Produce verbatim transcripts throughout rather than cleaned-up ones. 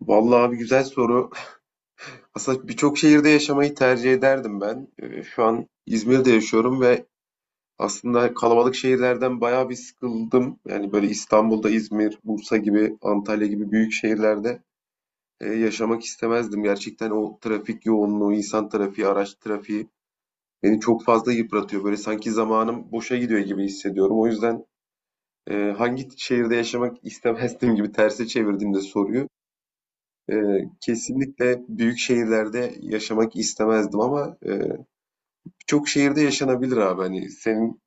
Vallahi abi, güzel soru. Aslında birçok şehirde yaşamayı tercih ederdim ben. Ee, Şu an İzmir'de yaşıyorum ve aslında kalabalık şehirlerden bayağı bir sıkıldım. Yani böyle İstanbul'da, İzmir, Bursa gibi, Antalya gibi büyük şehirlerde e, yaşamak istemezdim. Gerçekten o trafik yoğunluğu, insan trafiği, araç trafiği beni çok fazla yıpratıyor. Böyle sanki zamanım boşa gidiyor gibi hissediyorum. O yüzden e, hangi şehirde yaşamak istemezdim gibi terse çevirdiğimde soruyu. E, Kesinlikle büyük şehirlerde yaşamak istemezdim ama e, birçok şehirde yaşanabilir abi. Hani senin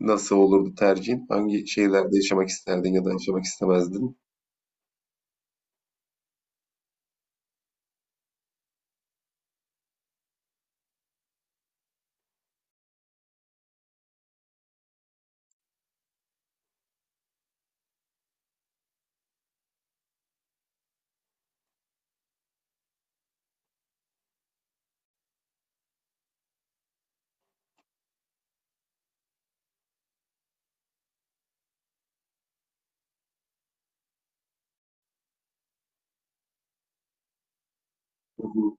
nasıl olurdu tercihin? Hangi şehirlerde yaşamak isterdin ya da yaşamak istemezdin? Hı hı,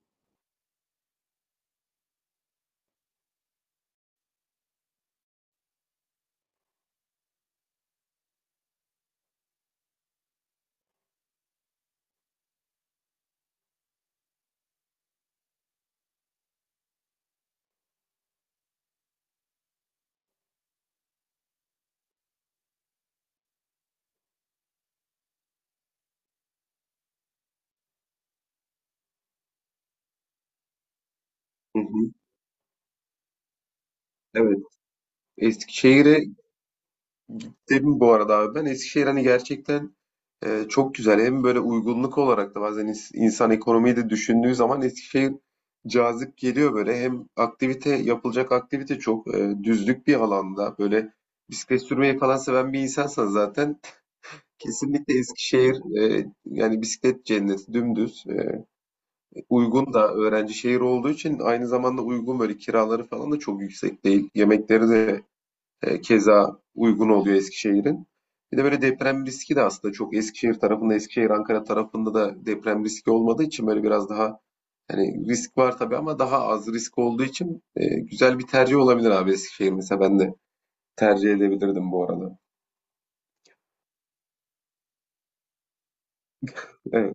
hı hı. Evet. Eskişehir'e Dedim bu arada abi, ben Eskişehir hani gerçekten e, çok güzel. Hem böyle uygunluk olarak da bazen ins- insan ekonomiyi de düşündüğü zaman Eskişehir cazip geliyor böyle. Hem aktivite, yapılacak aktivite çok, e, düzlük bir alanda böyle bisiklet sürmeyi falan seven bir insansan zaten kesinlikle Eskişehir, e, yani bisiklet cenneti dümdüz. E, uygun da, öğrenci şehir olduğu için aynı zamanda uygun, böyle kiraları falan da çok yüksek değil. Yemekleri de e, keza uygun oluyor Eskişehir'in. Bir de böyle deprem riski de aslında çok Eskişehir tarafında, Eskişehir Ankara tarafında da deprem riski olmadığı için böyle biraz daha, hani risk var tabii ama daha az risk olduğu için e, güzel bir tercih olabilir abi Eskişehir, mesela ben de tercih edebilirdim bu arada. Evet.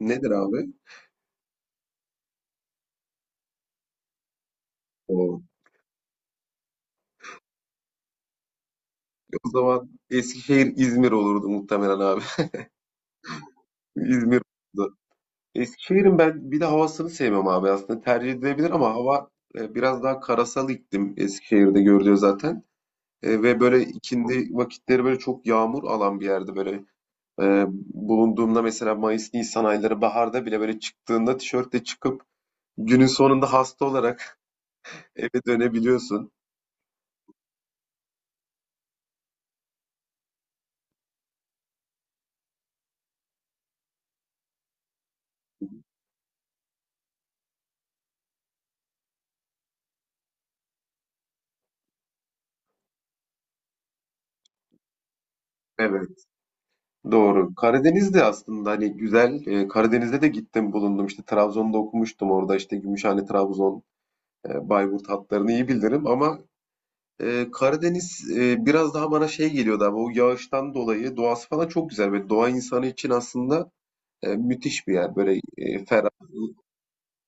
Nedir abi? O, o zaman Eskişehir İzmir olurdu muhtemelen abi. İzmir olurdu. Eskişehir'in ben bir de havasını sevmem abi, aslında tercih edilebilir ama hava e, biraz daha karasal iklim Eskişehir'de görülüyor zaten. E, ve böyle ikindi vakitleri, böyle çok yağmur alan bir yerde böyle e, bulunduğumda, mesela Mayıs, Nisan ayları, baharda bile böyle çıktığında tişörtle çıkıp günün sonunda hasta olarak eve dönebiliyorsun. Evet, doğru. Karadeniz'de aslında hani güzel. e, Karadeniz'de de gittim, bulundum. İşte Trabzon'da okumuştum, orada işte Gümüşhane, Trabzon, e, Bayburt hatlarını iyi bilirim ama e, Karadeniz e, biraz daha bana şey geliyordu abi, o yağıştan dolayı. Doğası falan çok güzel ve doğa insanı için aslında E, müthiş bir yer. Böyle e, ferah.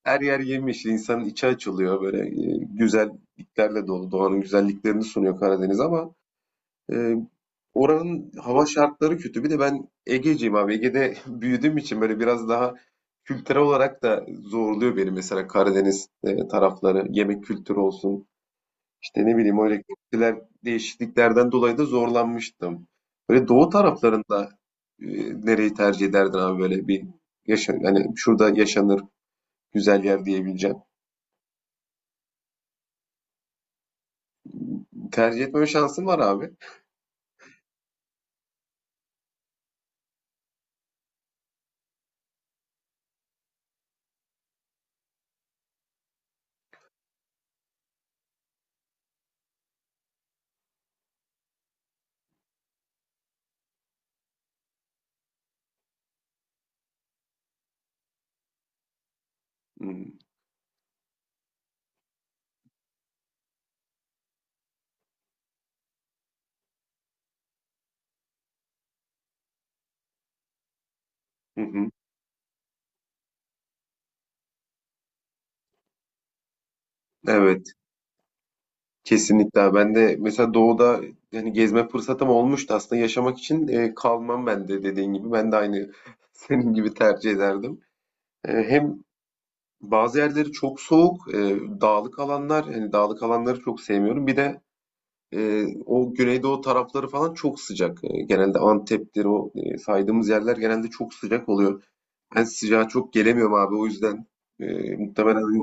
Her yer yemyeşil. İnsanın içi açılıyor. Böyle e, güzelliklerle dolu. Doğanın güzelliklerini sunuyor Karadeniz ama e, oranın hava şartları kötü. Bir de ben Ege'ciyim abi. Ege'de büyüdüğüm için böyle biraz daha kültürel olarak da zorluyor beni mesela Karadeniz e, tarafları. Yemek kültürü olsun. İşte ne bileyim, o elektrikler, değişikliklerden dolayı da zorlanmıştım. Böyle doğu taraflarında e, nereyi tercih ederdin abi, böyle bir yaşa, yani şurada yaşanır, güzel yer diyebileceğim. Tercih etme şansın var abi. Hmm. Hı hı. Evet, kesinlikle abi. Ben de mesela doğuda yani gezme fırsatım olmuştu, aslında yaşamak için e, kalmam ben de, dediğin gibi. Ben de aynı senin gibi tercih ederdim. E, hem bazı yerleri çok soğuk, e, dağlık alanlar, yani dağlık alanları çok sevmiyorum. Bir de e, o Güneydoğu tarafları falan çok sıcak. E, genelde Antep'tir, o e, saydığımız yerler genelde çok sıcak oluyor. Ben sıcağa çok gelemiyorum abi, o yüzden e, muhtemelen.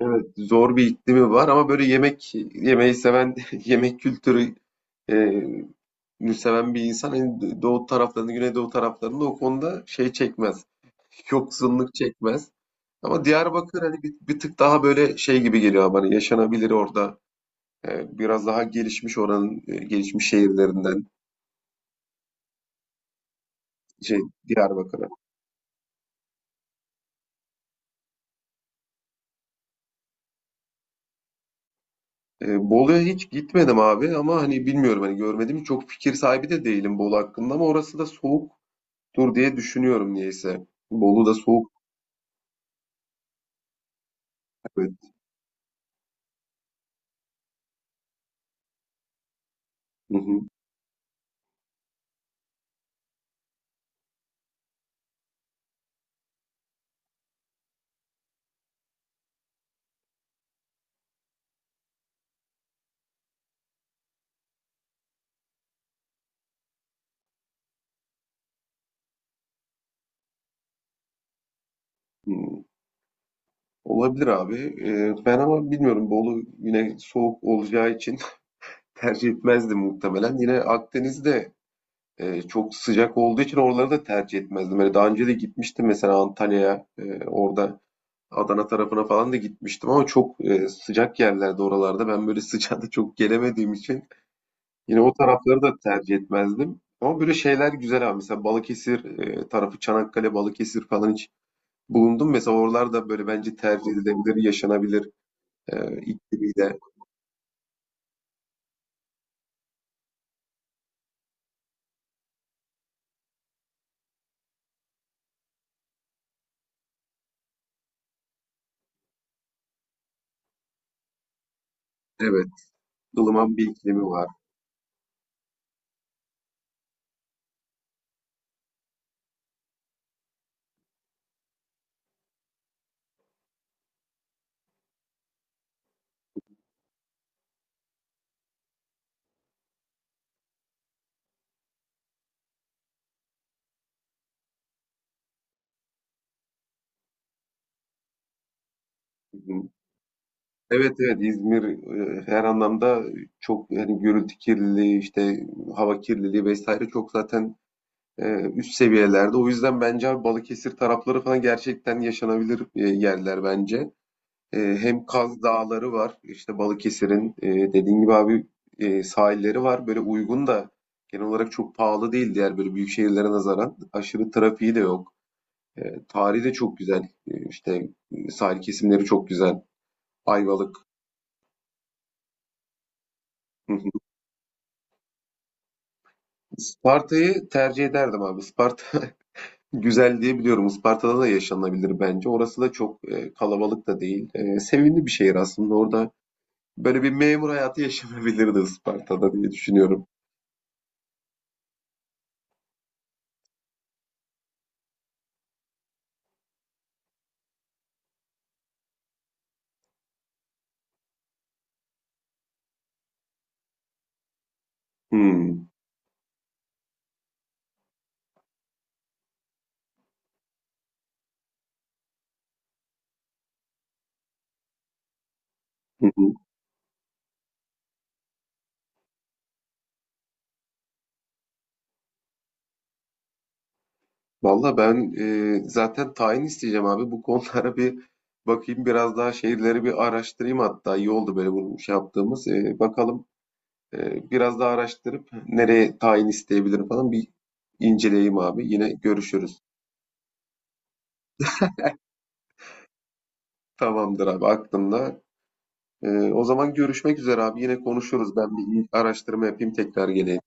Evet, zor bir iklimi var ama böyle yemek yemeyi seven, yemek kültürü e, nü seven bir insan, hani doğu taraflarında, Güneydoğu taraflarında o konuda şey çekmez. Yoksunluk çekmez. Ama Diyarbakır hani bir, bir tık daha böyle şey gibi geliyor bana, yaşanabilir orada. E, biraz daha gelişmiş, oranın e, gelişmiş şehirlerinden şey Diyarbakır'a. E, Bolu'ya hiç gitmedim abi, ama hani bilmiyorum, hani görmedim, çok fikir sahibi de değilim Bolu hakkında ama orası da soğuktur diye düşünüyorum niyeyse. Bolu da soğuk, evet. Hı hı. Hı. Olabilir abi. E, ben ama bilmiyorum, Bolu yine soğuk olacağı için tercih etmezdim muhtemelen. Yine Akdeniz'de e, çok sıcak olduğu için oraları da tercih etmezdim. Böyle daha önce de gitmiştim mesela Antalya'ya. E, orada Adana tarafına falan da gitmiştim ama çok e, sıcak yerlerde, oralarda. Ben böyle sıcağa da çok gelemediğim için yine o tarafları da tercih etmezdim. Ama böyle şeyler güzel abi. Mesela Balıkesir e, tarafı, Çanakkale, Balıkesir falan hiç bulundum. Mesela oralarda böyle bence tercih edilebilir, yaşanabilir e, iklimiyle. Evet, ılıman bir iklimi var. Hı. Evet, evet, İzmir e, her anlamda çok, yani gürültü kirliliği, işte hava kirliliği vesaire, çok zaten Ee, üst seviyelerde. O yüzden bence abi Balıkesir tarafları falan gerçekten yaşanabilir e, yerler bence. Ee, hem Kaz Dağları var, işte Balıkesir'in e, dediğin gibi abi e, sahilleri var. Böyle uygun da, genel olarak çok pahalı değil diğer böyle büyük şehirlere nazaran. Aşırı trafiği de yok. Ee, tarihi de çok güzel. Ee, işte e, sahil kesimleri çok güzel. Ayvalık. spartayı tercih ederdim abi. Isparta. Güzel diye biliyorum. Isparta'da da yaşanabilir bence. Orası da çok e, kalabalık da değil. E, sevimli bir şehir aslında. Orada böyle bir memur hayatı yaşanabilirdi Isparta'da diye düşünüyorum. Hmm. Hı hı. Valla ben e, zaten tayin isteyeceğim abi. Bu konulara bir bakayım. Biraz daha şehirleri bir araştırayım hatta. İyi oldu böyle bunu şey yaptığımız. E, bakalım, e, biraz daha araştırıp nereye tayin isteyebilirim falan bir inceleyeyim abi. Yine görüşürüz. Tamamdır abi, aklımda. Ee, o zaman görüşmek üzere abi. Yine konuşuruz. Ben bir araştırma yapayım, tekrar geleyim.